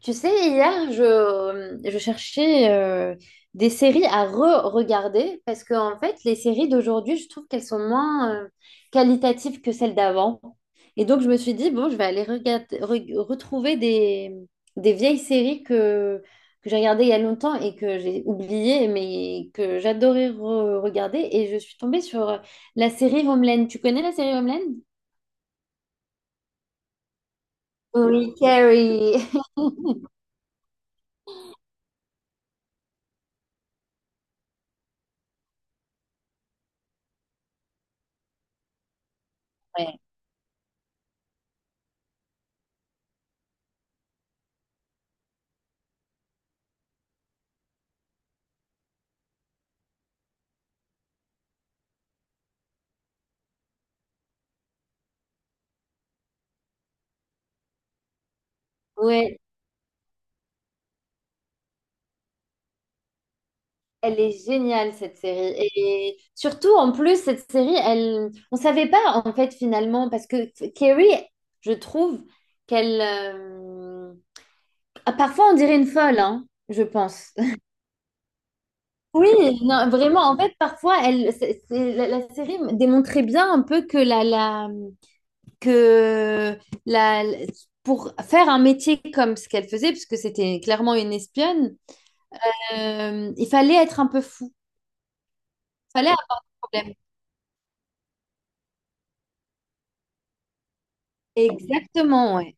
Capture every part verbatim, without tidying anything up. Tu sais, hier, je, je cherchais euh, des séries à re-regarder parce que, en fait, les séries d'aujourd'hui, je trouve qu'elles sont moins euh, qualitatives que celles d'avant. Et donc, je me suis dit, bon, je vais aller regarder, re- retrouver des, des vieilles séries que, que j'ai regardées il y a longtemps et que j'ai oubliées, mais que j'adorais re- regarder. Et je suis tombée sur euh, la série Homeland. Tu connais la série Homeland? Oui, Carrie. Ouais. Ouais, elle est géniale cette série. Et surtout en plus cette série, elle on ne savait pas en fait finalement, parce que Carrie, je trouve qu'elle euh, ah, parfois on dirait une folle hein, je pense. Oui, non, vraiment en fait parfois elle c'est- c'est- la, la série démontrait bien un peu que la la que la pour faire un métier comme ce qu'elle faisait, parce que c'était clairement une espionne, euh, il fallait être un peu fou. Il fallait un problème. Exactement, ouais.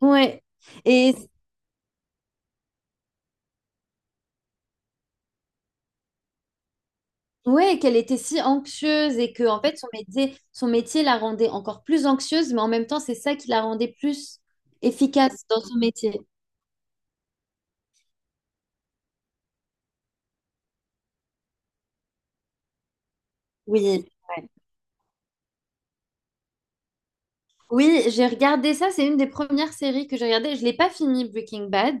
Ouais. Et ouais, qu'elle était si anxieuse et que en fait son métier, son métier la rendait encore plus anxieuse, mais en même temps, c'est ça qui la rendait plus efficace dans son métier. Oui. Ouais. Oui, j'ai regardé ça, c'est une des premières séries que j'ai regardées. Je l'ai pas fini Breaking Bad,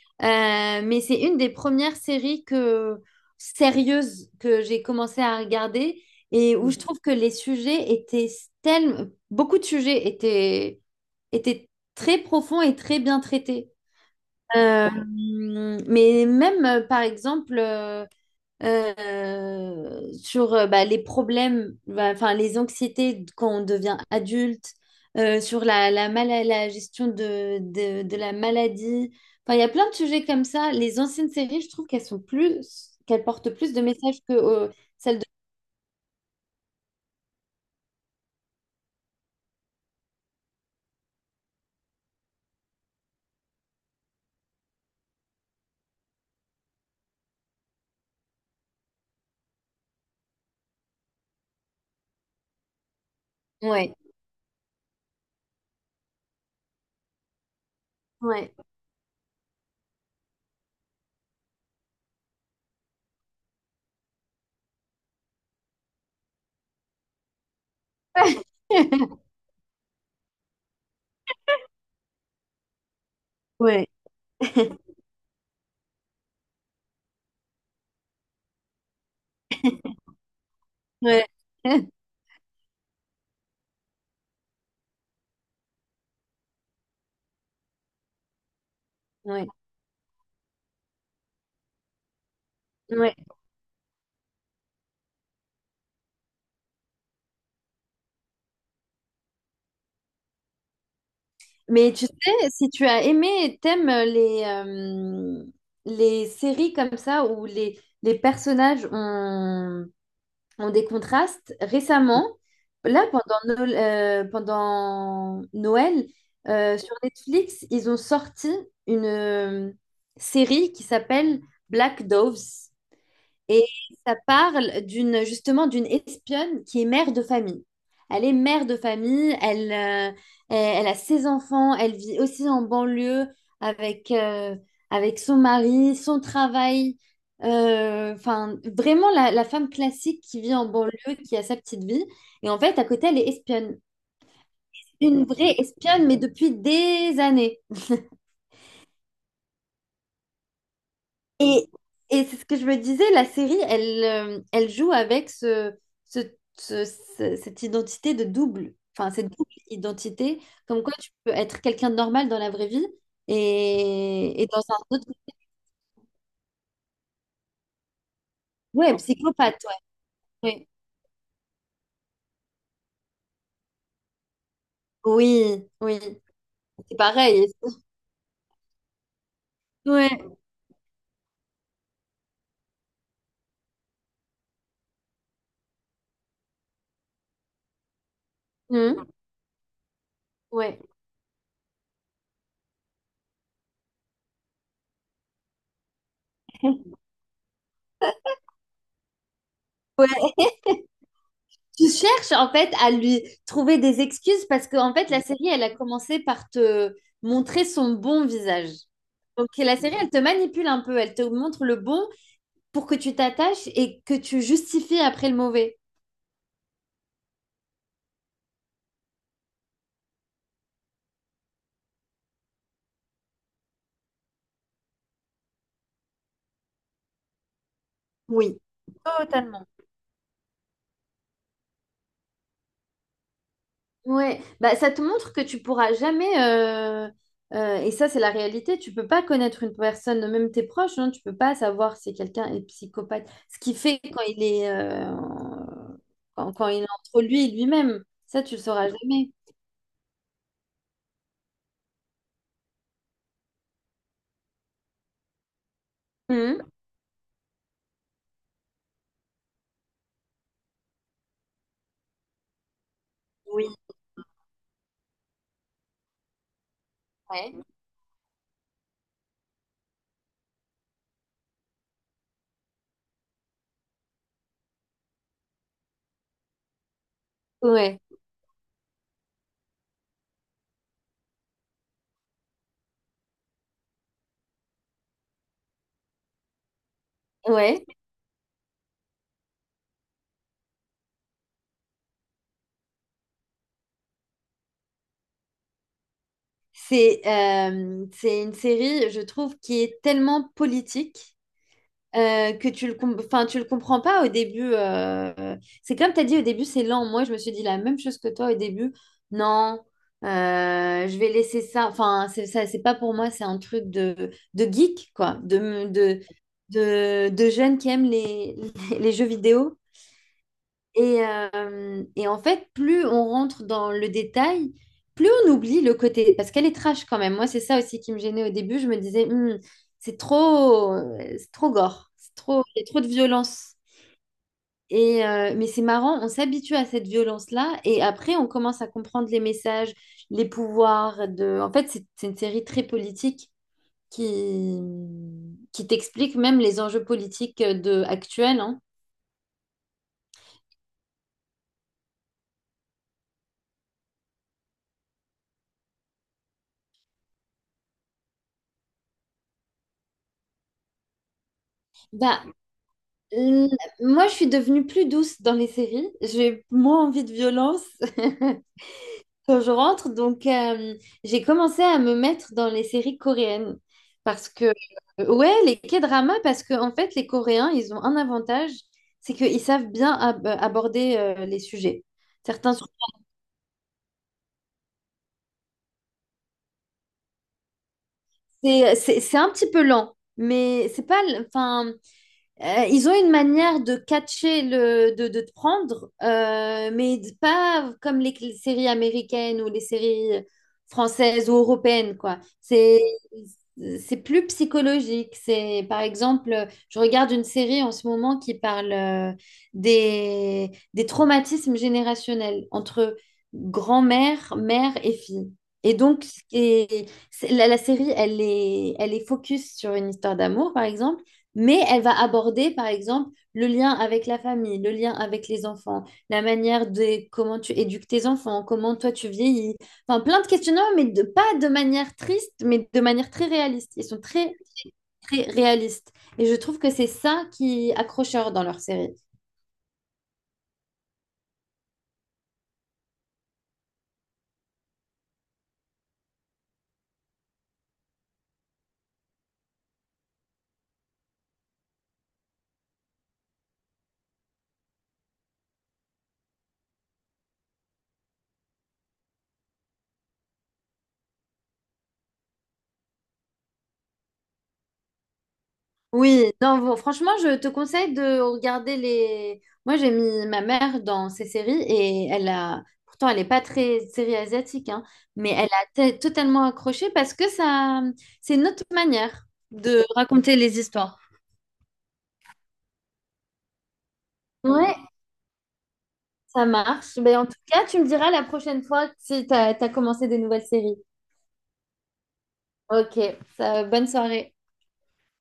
euh, mais c'est une des premières séries que sérieuses que j'ai commencé à regarder, et où je trouve que les sujets étaient, tellement beaucoup de sujets étaient étaient très profonds et très bien traités. Euh, mais même, euh, par exemple, euh, euh, sur euh, bah, les problèmes, bah, enfin les anxiétés quand on devient adulte, euh, sur la, la, mala- la gestion de, de, de la maladie, enfin il y a plein de sujets comme ça. Les anciennes séries, je trouve qu'elles sont plus, qu'elles portent plus de messages que euh, celles de... Ouais, ouais, ouais, ouais, ouais, ouais. Mais tu sais, si tu as aimé et t'aimes euh, les, euh, les séries comme ça où les, les personnages ont, ont des contrastes, récemment, là pendant, Noël, euh, pendant Noël euh, sur Netflix, ils ont sorti une euh, série qui s'appelle Black Doves. Et ça parle d'une, justement d'une espionne qui est mère de famille. Elle est mère de famille, elle, euh, elle, elle a ses enfants, elle vit aussi en banlieue avec, euh, avec son mari, son travail. Euh, Enfin, vraiment la, la femme classique qui vit en banlieue, qui a sa petite vie. Et en fait, à côté, elle est espionne. Une vraie espionne, mais depuis des années. Et, et c'est ce que je me disais, la série, elle, euh, elle joue avec ce, ce- ce- ce- cette identité de double, enfin cette double identité, comme quoi tu peux être quelqu'un de normal dans la vraie vie et, et dans un autre... Ouais, psychopathe, ouais. Ouais. Oui, oui, c'est pareil. Ouais. Hum, ouais. Tu cherches en fait à lui trouver des excuses, parce que en fait la série elle a commencé par te montrer son bon visage. Donc la série elle te manipule un peu, elle te montre le bon pour que tu t'attaches et que tu justifies après le mauvais. Oui, totalement. Ouais, bah, ça te montre que tu pourras jamais, euh, euh, et ça c'est la réalité, tu peux pas connaître une personne, même tes proches, hein, tu peux pas savoir si quelqu'un est psychopathe. Ce qui fait quand il est, euh, quand, quand il est entre lui et lui-même, ça tu le sauras jamais. Mhm. Oui, ouais, ouais, ouais. C'est euh, c'est une série, je trouve, qui est tellement politique. Euh, que tu le, com- enfin, tu le comprends pas au début. euh, C'est comme tu as dit au début, c'est lent. Moi, je me suis dit la même chose que toi au début. Non, euh, je vais laisser ça. Enfin, c'est ça, c'est pas pour moi, c'est un truc de, de geek, quoi, de, de, de, de jeunes qui aiment les, les jeux vidéo. Et, euh, et en fait, plus on rentre dans le détail, plus on oublie le côté, parce qu'elle est trash quand même. Moi, c'est ça aussi qui me gênait au début. Je me disais, hmm, c'est trop, euh, c'est trop gore, c'est trop, il y a trop de violence. Et euh, mais c'est marrant, on s'habitue à cette violence-là, et après, on commence à comprendre les messages, les pouvoirs de. En fait, c'est c'est une série très politique qui qui t'explique même les enjeux politiques euh, de actuels, hein. Bah, L- moi, je suis devenue plus douce dans les séries. J'ai moins envie de violence quand je rentre. Donc, euh, j'ai commencé à me mettre dans les séries coréennes. Parce que, euh, ouais, les K-dramas, parce que, en fait, les Coréens, ils ont un avantage, c'est qu'ils savent bien ab- aborder euh, les sujets. Certains, c'est, c'est, c'est un petit peu lent, mais c'est pas, l- enfin, Euh, ils ont une manière de catcher le, de, de te prendre, euh, mais d- pas comme les, les séries américaines ou les séries françaises ou européennes, quoi. C'est, c'est plus psychologique. C'est, par exemple, je regarde une série en ce moment qui parle euh, des, des traumatismes générationnels entre grand-mère, mère et fille. Et donc, et- c'est- la, la série, elle est, elle est focus sur une histoire d'amour, par exemple. Mais elle va aborder, par exemple, le lien avec la famille, le lien avec les enfants, la manière de comment tu éduques tes enfants, comment toi tu vieillis. Enfin, plein de questionnements, mais de, pas de manière triste, mais de manière très réaliste. Ils sont très, très réalistes. Et je trouve que c'est ça qui est accrocheur dans leur série. Oui, non, bon, franchement, je te conseille de regarder les. Moi, j'ai mis ma mère dans ces séries et elle a. Pourtant, elle n'est pas très série asiatique, hein, mais elle a t- totalement accroché parce que ça, c'est une autre manière de raconter les histoires. Ouais, ça marche. Mais en tout cas, tu me diras la prochaine fois si tu as commencé des nouvelles séries. Ok, ça- bonne soirée.